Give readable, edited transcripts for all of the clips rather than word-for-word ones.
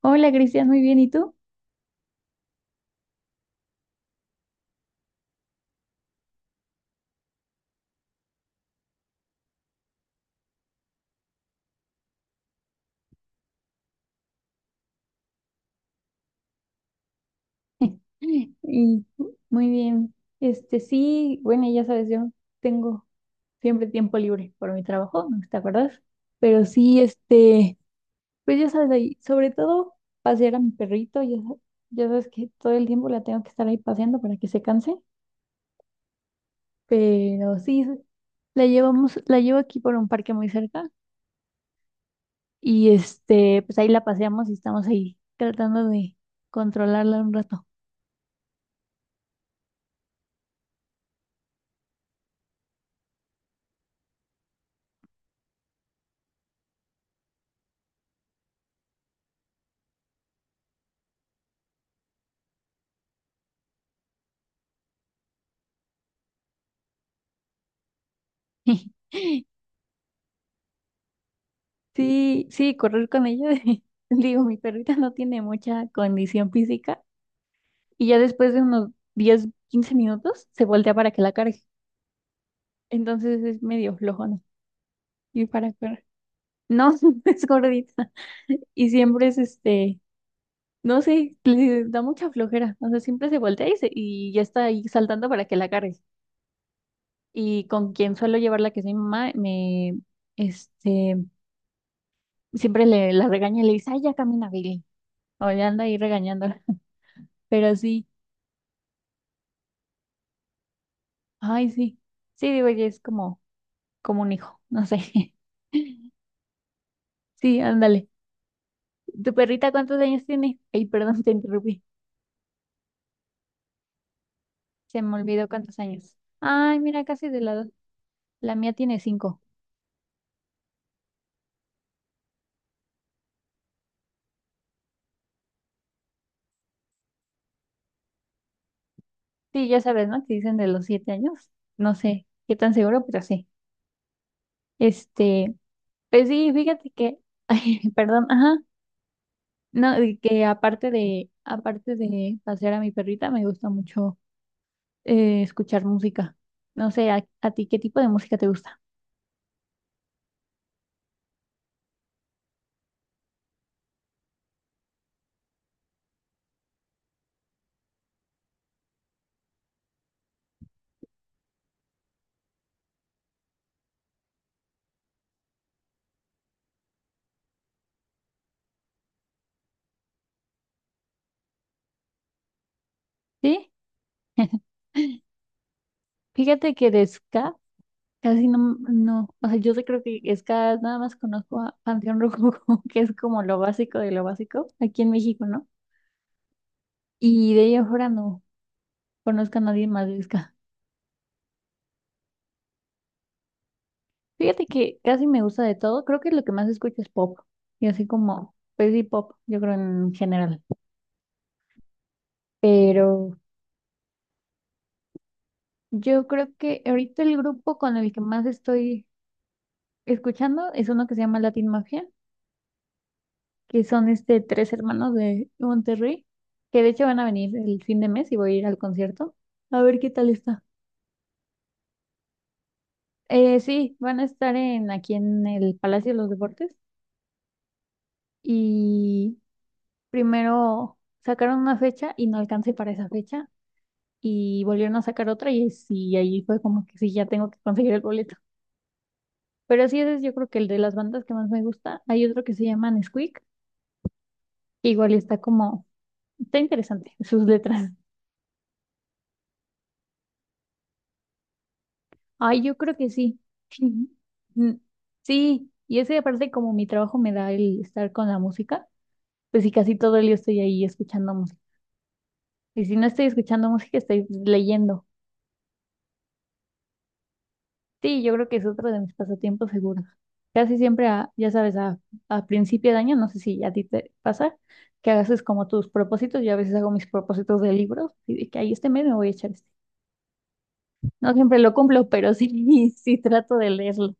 Hola Cristian, muy bien, ¿y tú? Y muy bien. Este sí, bueno, ya sabes, yo tengo siempre tiempo libre por mi trabajo, ¿no te acuerdas? Pero sí, este, pues ya sabes, ahí, sobre todo pasear a mi perrito, ya, ya sabes que todo el tiempo la tengo que estar ahí paseando para que se canse, pero sí, la llevamos, la llevo aquí por un parque muy cerca y este, pues ahí la paseamos y estamos ahí tratando de controlarla un rato. Sí, sí, correr con ella. Digo, mi perrita no tiene mucha condición física y ya después de unos 10, 15 minutos se voltea para que la cargue. Entonces es medio flojona. Y para correr. No, es gordita. Y siempre es este, no sé, le da mucha flojera. O sea, siempre se voltea y ya está ahí saltando para que la cargue. Y con quien suelo llevarla, que es mi mamá, me, este, siempre la regaña y le dice, ay, ya camina, Billy. O ya anda ahí regañándola. Pero sí. Ay, sí. Sí, digo, ya es como, como un hijo, no sé. Sí, ándale. ¿Tu perrita cuántos años tiene? Ay, perdón, te interrumpí. Se me olvidó cuántos años. Ay, mira, casi de la edad. La mía tiene 5. Sí, ya sabes, ¿no? Que dicen de los 7 años. No sé qué tan seguro, pero sí. Este, pues sí, fíjate que, ay, perdón, ajá. No, de que aparte de pasear a mi perrita, me gusta mucho escuchar música. No sé, ¿a ti qué tipo de música te gusta? ¿Sí? Fíjate que de ska casi no, no, o sea, yo sí creo que ska nada más conozco a Panteón Rococó, que es como lo básico de lo básico aquí en México, ¿no? Y de ahí afuera no conozco a nadie más de ska. Fíjate que casi me gusta de todo, creo que lo que más escucho es pop, y así como, pues sí, pop, yo creo en general. Pero yo creo que ahorita el grupo con el que más estoy escuchando es uno que se llama Latin Mafia que son este tres hermanos de Monterrey, que de hecho van a venir el fin de mes y voy a ir al concierto. A ver qué tal está. Sí, van a estar en aquí en el Palacio de los Deportes y primero sacaron una fecha y no alcancé para esa fecha y volvieron a sacar otra y sí, ahí fue como que sí, ya tengo que conseguir el boleto. Pero sí, ese es yo creo que el de las bandas que más me gusta. Hay otro que se llama Nesquik, que igual está como, está interesante sus letras. Ay, yo creo que sí. Mm, sí, y ese aparte como mi trabajo me da el estar con la música, pues sí, casi todo el día estoy ahí escuchando música. Y si no estoy escuchando música, estoy leyendo. Sí, yo creo que es otro de mis pasatiempos seguros. Casi siempre, ya sabes, a principio de año, no sé si a ti te pasa, que hagas es como tus propósitos. Yo a veces hago mis propósitos de libros y de que ahí este mes me voy a echar este. No siempre lo cumplo, pero sí, sí trato de leerlos.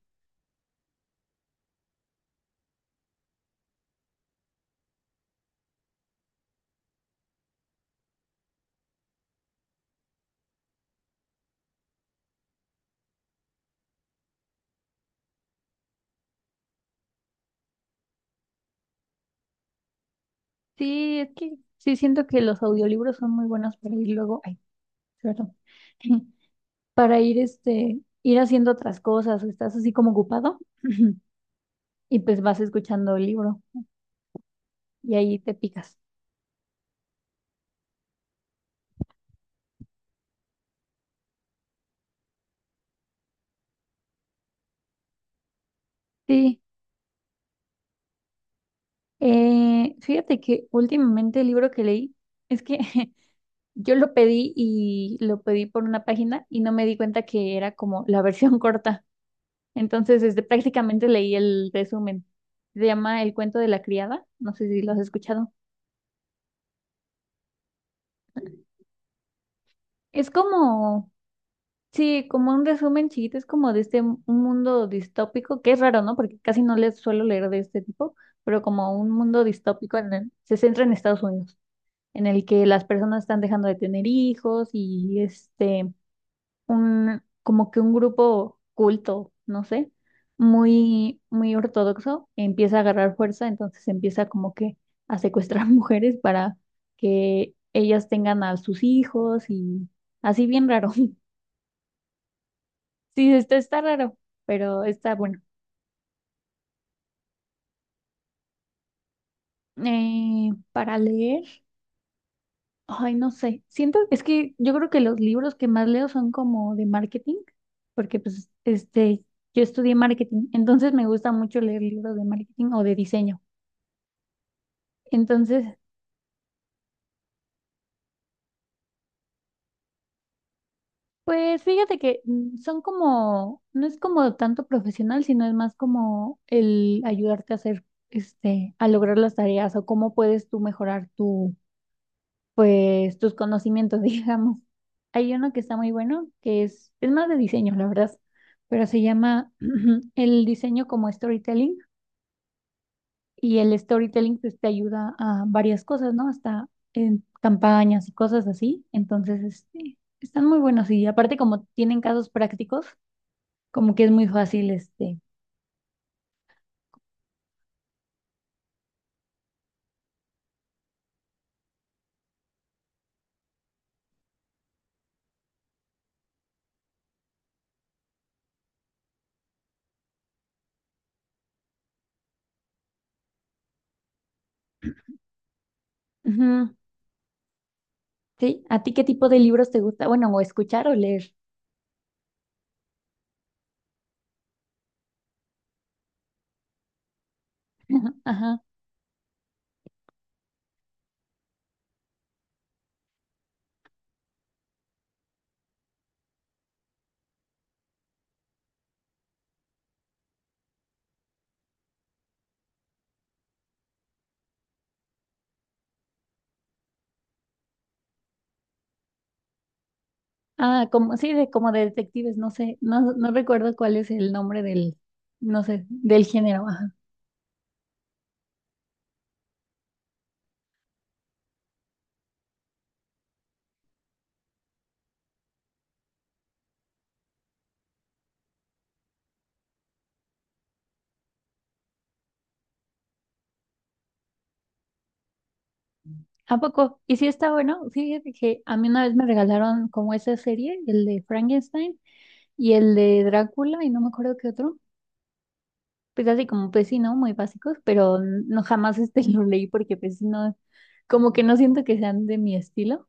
Sí, es que sí siento que los audiolibros son muy buenos para ir luego, ay, perdón, para ir este, ir haciendo otras cosas, o estás así como ocupado y pues vas escuchando el libro y ahí te picas. Sí, fíjate que últimamente el libro que leí es que yo lo pedí y lo pedí por una página y no me di cuenta que era como la versión corta. Entonces, este, prácticamente leí el resumen. Se llama El cuento de la criada, no sé si lo has escuchado. Es como, sí, como un resumen chiquito, es como de este un mundo distópico, que es raro, ¿no? Porque casi no les suelo leer de este tipo, pero como un mundo distópico se centra en Estados Unidos, en el que las personas están dejando de tener hijos y este, un, como que un grupo culto, no sé, muy, muy ortodoxo, empieza a agarrar fuerza, entonces empieza como que a secuestrar mujeres para que ellas tengan a sus hijos y así bien raro. Sí, está raro, pero está bueno. Para leer, ay, no sé. Siento, es que yo creo que los libros que más leo son como de marketing, porque pues, este, yo estudié marketing, entonces me gusta mucho leer libros de marketing o de diseño. Entonces, pues fíjate que mm, son como, no es como tanto profesional, sino es más como el ayudarte a hacer, este, a lograr las tareas o cómo puedes tú mejorar tu pues tus conocimientos, digamos. Hay uno que está muy bueno, que es más de diseño, la verdad, pero se llama el diseño como storytelling y el storytelling pues te ayuda a varias cosas, ¿no? Hasta en campañas y cosas así. Entonces, este, están muy buenos y aparte como tienen casos prácticos, como que es muy fácil, este. Ujú, sí, ¿a ti qué tipo de libros te gusta? Bueno, o escuchar o leer. Ajá. Ah, como, sí, de, como de detectives, no sé, no, no recuerdo cuál es el nombre del, no sé, del género, ajá. ¿A poco? ¿Y si está bueno? Fíjate que a mí una vez me regalaron como esa serie, el de Frankenstein y el de Drácula y no me acuerdo qué otro. Pues así como, pues sí, ¿no? Muy básicos, pero no jamás este lo leí porque pues sí, no, como que no siento que sean de mi estilo.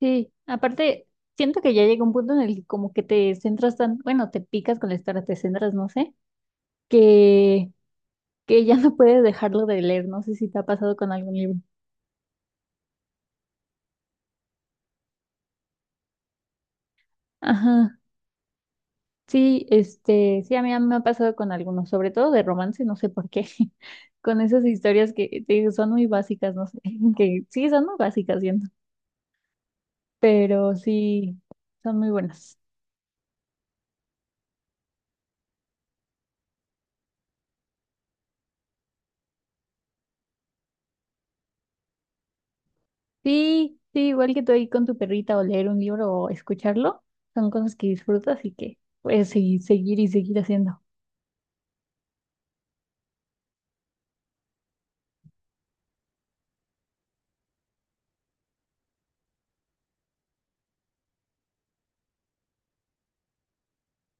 Sí, aparte, siento que ya llega un punto en el que como que te centras tan, bueno, te picas con la historia, te centras, no sé que que ya no puedes dejarlo de leer. No sé si te ha pasado con algún libro. Ajá. Sí, este, sí, a mí me ha pasado con algunos, sobre todo de romance, no sé por qué, con esas historias que te digo, son muy básicas, no sé, que sí, son muy básicas, siento, pero sí, son muy buenas. Sí, sí, igual que tú ahí con tu perrita o leer un libro o escucharlo, son cosas que disfrutas y que puedes seguir, seguir y seguir haciendo.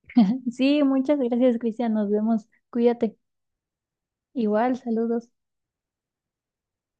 Sí, muchas gracias, Cristian, nos vemos, cuídate. Igual, saludos.